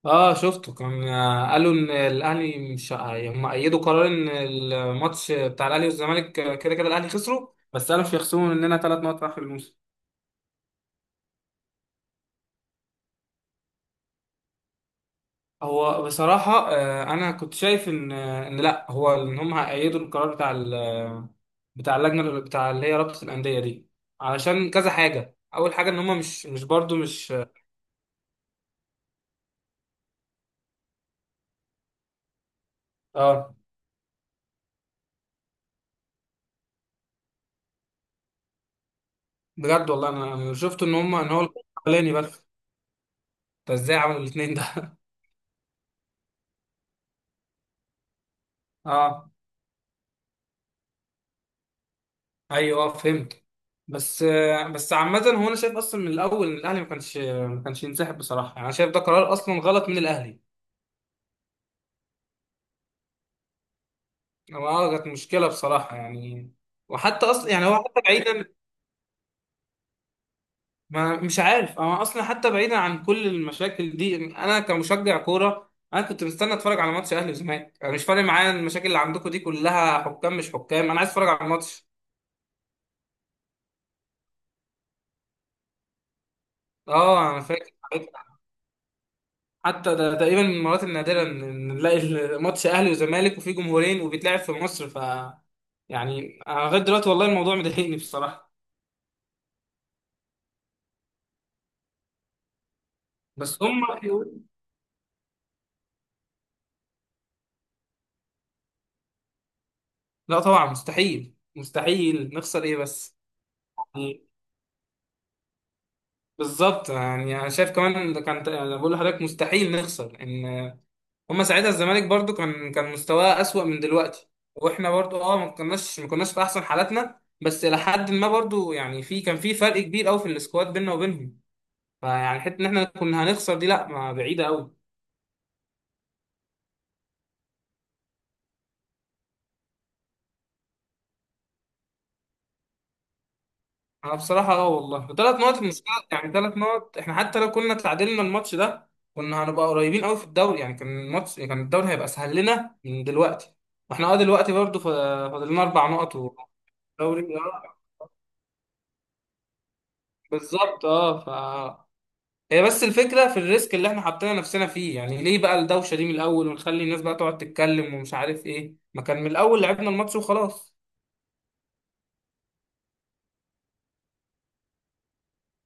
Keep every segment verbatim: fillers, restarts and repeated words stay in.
اه، شفته كان آه، قالوا ان الاهلي مش هم ايدوا قرار ان الماتش بتاع الاهلي والزمالك، آه، كده كده الاهلي خسروا، بس قالوا مش هيخصموا مننا ثلاث نقط في اخر الموسم. هو بصراحه آه، انا كنت شايف ان آه، ان لا، هو ان هم هيأيدوا القرار بتاع ال- بتاع اللجنه، بتاع اللي هي رابطه الانديه دي. علشان كذا حاجه، اول حاجه ان هم مش مش برضو مش. اه، بجد والله انا أنا شفت ان هم ان هو الاولاني بس. ده ازاي عملوا الاثنين ده؟ اه، ايوه، آه، فهمت. بس آه، بس عامة، هو انا شايف اصلا من الاول ان الاهلي ما كانش ما كانش ينسحب بصراحة. يعني انا شايف ده قرار اصلا غلط من الاهلي. هو اه كانت مشكلة بصراحة يعني. وحتى اصلا يعني هو حتى بعيدا. ما مش عارف، انا اصلا حتى بعيدا عن كل المشاكل دي، انا كمشجع كورة انا كنت مستني اتفرج على ماتش اهلي وزمالك. انا مش فارق معايا المشاكل اللي عندكم دي كلها، حكام مش حكام، انا عايز اتفرج على الماتش. اه، انا فاكر. حتى ده تقريبا من المرات النادرة إن نلاقي ماتش أهلي وزمالك وفيه جمهورين وبيتلعب في مصر، ف يعني أنا لغاية دلوقتي والله الموضوع مضايقني بصراحة. بس هم. لا طبعا، مستحيل مستحيل نخسر، إيه بس. يعني بالظبط. يعني أنا شايف كمان ده كان أنا بقول لحضرتك مستحيل نخسر. إن هم ساعتها الزمالك برضو كان كان مستواه أسوأ من دلوقتي. وإحنا برضو أه ما كناش ما كناش في أحسن حالاتنا، بس إلى حد ما برضو يعني في كان في فرق كبير أوي في السكواد بيننا وبينهم. فيعني حته ان احنا كنا هنخسر دي، لا ما بعيده قوي. انا بصراحه اه والله، ثلاث نقط المشكله يعني. ثلاث نقط، احنا حتى لو كنا تعادلنا الماتش ده كنا هنبقى قريبين قوي في الدوري. يعني كان الماتش كان الدوري هيبقى اسهل لنا من دلوقتي. واحنا اه دلوقتي برضه فا- فاضل لنا اربع نقط، والدوري. اه بالظبط اه ف. هي بس الفكره في الريسك اللي احنا حاطين نفسنا فيه. يعني ليه بقى الدوشه دي من الاول ونخلي الناس بقى تقعد تتكلم ومش عارف ايه؟ ما كان من الاول لعبنا الماتش وخلاص.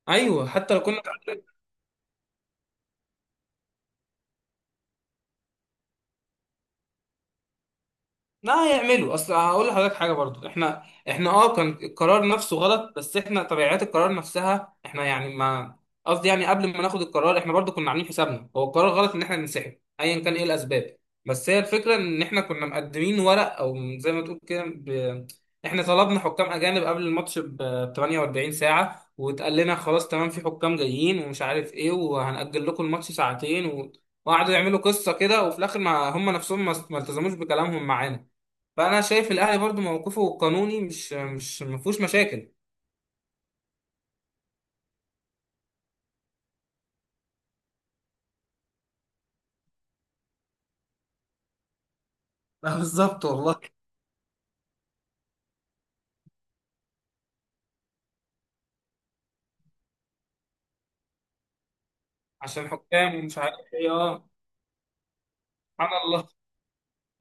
ايوه، حتى لو كنا. لا هيعملوا، اصل هقول لحضرتك حاجه برضو. احنا احنا اه كان القرار نفسه غلط، بس احنا طبيعات القرار نفسها احنا يعني ما. قصدي يعني قبل ما ناخد القرار احنا برضو كنا عاملين حسابنا هو القرار غلط ان احنا ننسحب، ايا كان ايه الاسباب. بس هي الفكره ان احنا كنا مقدمين ورق، او زي ما تقول كده ب... احنا طلبنا حكام اجانب قبل الماتش ب ثمانية وأربعين ساعه، واتقال لنا خلاص تمام، في حكام جايين ومش عارف ايه، وهنأجل لكم الماتش ساعتين و... وقعدوا يعملوا قصه كده، وفي الاخر ما هم نفسهم ما ما التزموش بكلامهم معانا. فانا شايف الاهلي برضو موقفه القانوني مش مش ما فيهوش مشاكل. آه، بالظبط والله. عشان حكام ومش عارف ايه. اه، سبحان الله.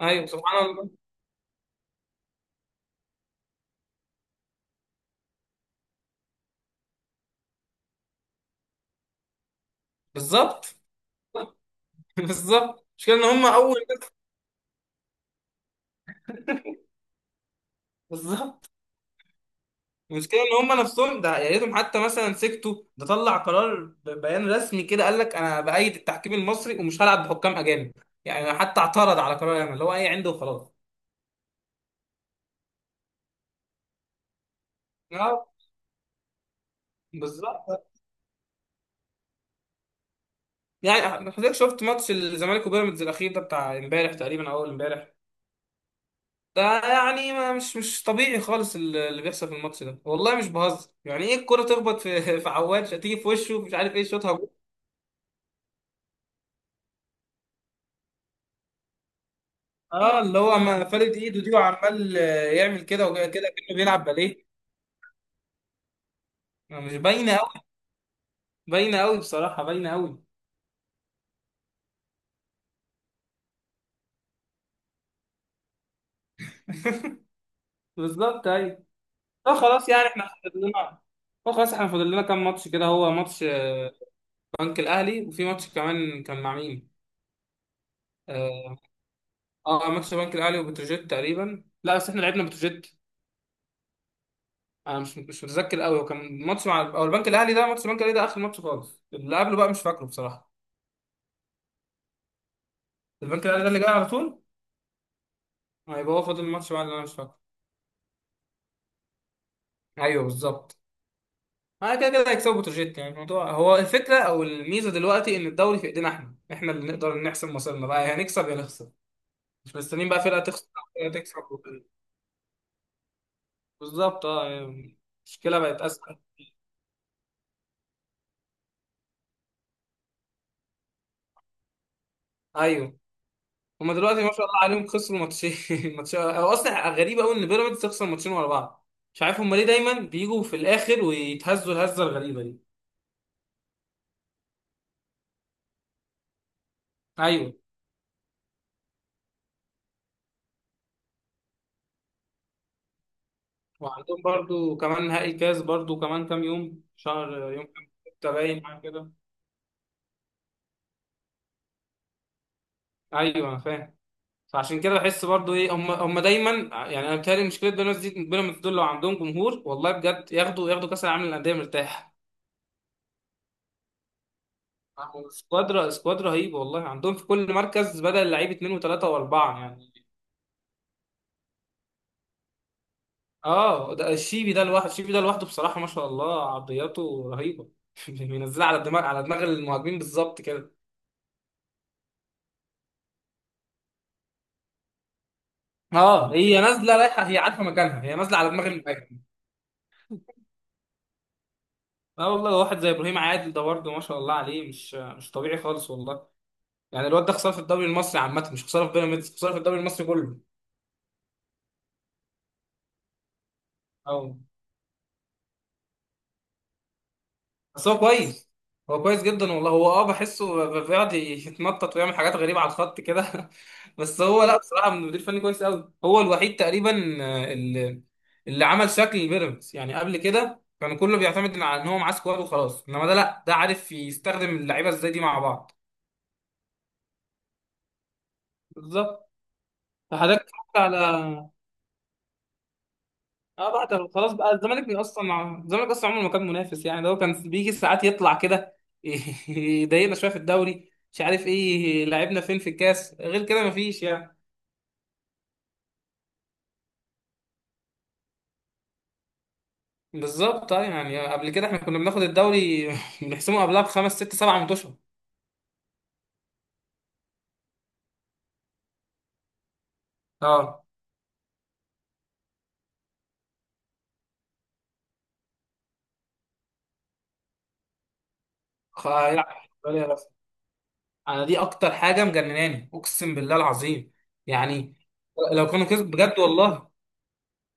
ايوه، سبحان الله. بالظبط. بالظبط، المشكله ان هم اول. بالظبط، المشكله ان هم نفسهم ده، يا ريتهم حتى مثلا سكتوا، ده طلع قرار ببيان رسمي كده، قال لك انا بأيد التحكيم المصري ومش هلعب بحكام اجانب. يعني حتى اعترض على قرار ياما اللي هو ايه عنده وخلاص. اه، بالظبط يعني. حضرتك شفت ماتش الزمالك وبيراميدز الاخير ده، بتاع امبارح تقريبا او اول امبارح؟ ده يعني، ما مش مش طبيعي خالص ال- اللي بيحصل في الماتش ده، والله مش بهزر. يعني ايه الكرة تخبط في في عواد، تيجي في وشه مش عارف ايه، شوطها جول. اه، اللي هو ما فلت ايده دي، وعمال آه، يعمل كده وكده كده كأنه بيلعب باليه. مش باينه قوي. باينه قوي بصراحه، باينه قوي. بالظبط، ايوه. لا خلاص، يعني احنا فاضل لنا. لا خلاص، احنا فاضل لنا كام ماتش كده؟ هو ماتش آه، بنك الاهلي، وفي ماتش كمان كان مع مين؟ اه. آه، ماتش بنك الاهلي وبتروجيت تقريبا. لا بس احنا لعبنا بتروجيت. انا مش مش متذكر قوي هو كان ماتش مع، او البنك الاهلي ده. ماتش البنك الاهلي ده اخر ماتش خالص، اللي قبله بقى مش فاكره بصراحه. البنك الاهلي ده اللي جاي على طول، هيبقى هو. فاضل الماتش بقى اللي انا مش فاكره. ايوه بالظبط. انا كده كده هيكسبوا بتروجيت، يعني الموضوع. هو الفكره او الميزه دلوقتي ان الدوري في ايدينا، احنا احنا اللي نقدر نحسم مصيرنا بقى، يا هنكسب يا نخسر. مش مستنيين بقى فرقه تخسر او فرقه تكسب وكده. بالظبط، اه يعني المشكله بقت اسهل. ايوه. هما دلوقتي ما شاء الله عليهم خسروا ماتشين ماتشين. هو اصلا غريب قوي ان بيراميدز تخسر ماتشين ورا بعض، مش عارف هما ليه دايما بيجوا في الاخر ويتهزوا الهزه الغريبه دي. ايوه. وعندهم برضو كمان نهائي كاس، برضو كمان كام يوم، شهر، يوم كام، ستة، باين حاجه كده. ايوه انا فاهم. فعشان كده بحس برضو ايه هم هم دايما. يعني انا بتهيألي مشكله بيراميدز دي، بيراميدز دول لو عندهم جمهور والله بجد ياخدوا ياخدوا كاس العالم للانديه مرتاح. عندهم سكواد سكواد رهيب، والله عندهم في كل مركز بدل لعيب اتنين وتلاته واربعه يعني. اه. ده الشيبي ده لوحده، الشيبي ده لوحده بصراحة ما شاء الله عرضياته رهيبة. منزلها على دماغ، على دماغ المهاجمين بالظبط كده. اه. هي نازلة رايحة، هي عارفة مكانها، هي نازلة على دماغ المهاجم. اه والله، واحد زي ابراهيم عادل ده برضه ما شاء الله عليه مش مش طبيعي خالص والله. يعني الواد ده خسارة في الدوري المصري عامة، مش خسارة في بيراميدز، خسارة في الدوري المصري كله. اه، بس هو كويس. هو كويس جدا والله. هو اه بحسه ب- بيقعد يتنطط ويعمل حاجات غريبة على الخط كده. بس هو لا بصراحة، من المدير الفني كويس قوي، هو الوحيد تقريبا. آه، اللي اللي عمل شكل البيراميدز. يعني قبل كده كان كله بيعتمد على ان هو معاه سكواد وخلاص، انما ده لا، ده عارف يستخدم اللعيبة ازاي دي مع بعض. بالظبط. فحضرتك اتفرجت على. اه، بعد خلاص بقى الزمالك اصلا، ع- الزمالك اصلا عمره ما كان منافس. يعني ده هو كان بيجي ساعات يطلع كده يضايقنا شويه في الدوري مش عارف ايه، لعبنا فين في الكاس، غير كده مفيش يعني. بالظبط اه يعني، قبل كده احنا كنا بناخد الدوري بنحسمه قبلها بخمس ست سبع ماتشات. اه خ- يلعب بالي يا بس. انا دي اكتر حاجه مجنناني اقسم بالله العظيم. يعني لو كانوا كسب بجد والله،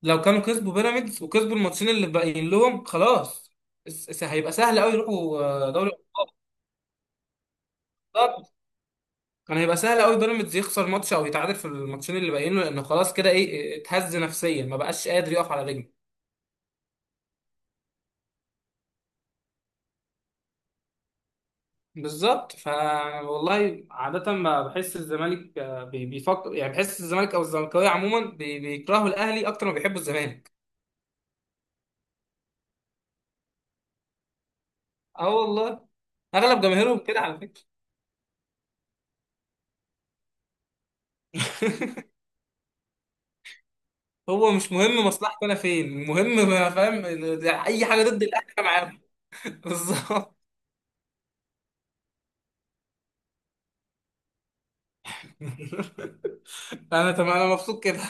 لو كانوا كسبوا بيراميدز وكسبوا الماتشين اللي باقيين لهم خلاص، س- س- هيبقى سهل قوي يروحوا آه، دوري الابطال. بالظبط. كان هيبقى سهل قوي بيراميدز يخسر ماتش او يتعادل في الماتشين اللي باقيين له، لانه خلاص كده ايه، اتهز نفسيا ما بقاش قادر يقف على رجله. بالظبط ف. والله عادة ما بحس الزمالك آه، بي- بيفكر. يعني بحس الزمالك او الزملكاويه عموما بي- بيكرهوا الاهلي اكتر ما بيحبوا الزمالك. اه والله، اغلب جماهيرهم كده على فكرة. هو مش مهم مصلحته، انا فين المهم، ما فاهم. اي حاجه ضد الاهلي أنا معاهم. بالظبط. انا تمام، انا مبسوط كده.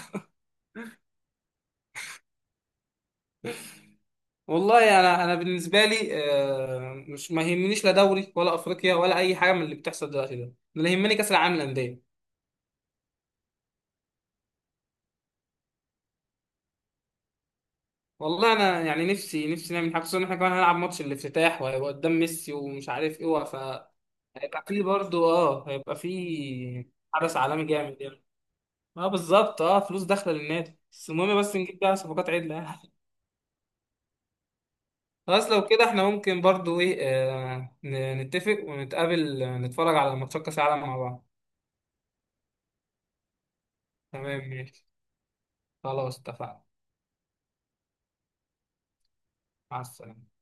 والله انا انا بالنسبه لي آه، مش ما يهمنيش لا دوري ولا افريقيا ولا اي حاجه من اللي بتحصل دلوقتي ده، أنا اللي يهمني كاس العالم للانديه. والله انا يعني نفسي نفسي نعمل حاجه، خصوصا ان احنا كمان هنلعب ماتش الافتتاح وهيبقى قدام ميسي ومش عارف ايه ف. هيبقى فيه برضه اه هيبقى فيه حدث عالمي جامد يعني. ما بالظبط. اه فلوس داخله للنادي، بس المهم بس نجيب بقى صفقات عدله يعني. خلاص لو كده احنا ممكن برضو ايه. آه ن- نتفق ونتقابل، آه، نتفرج على ماتشات كاس العالم مع بعض. تمام، ماشي. خلاص، اتفقنا. مع السلامه.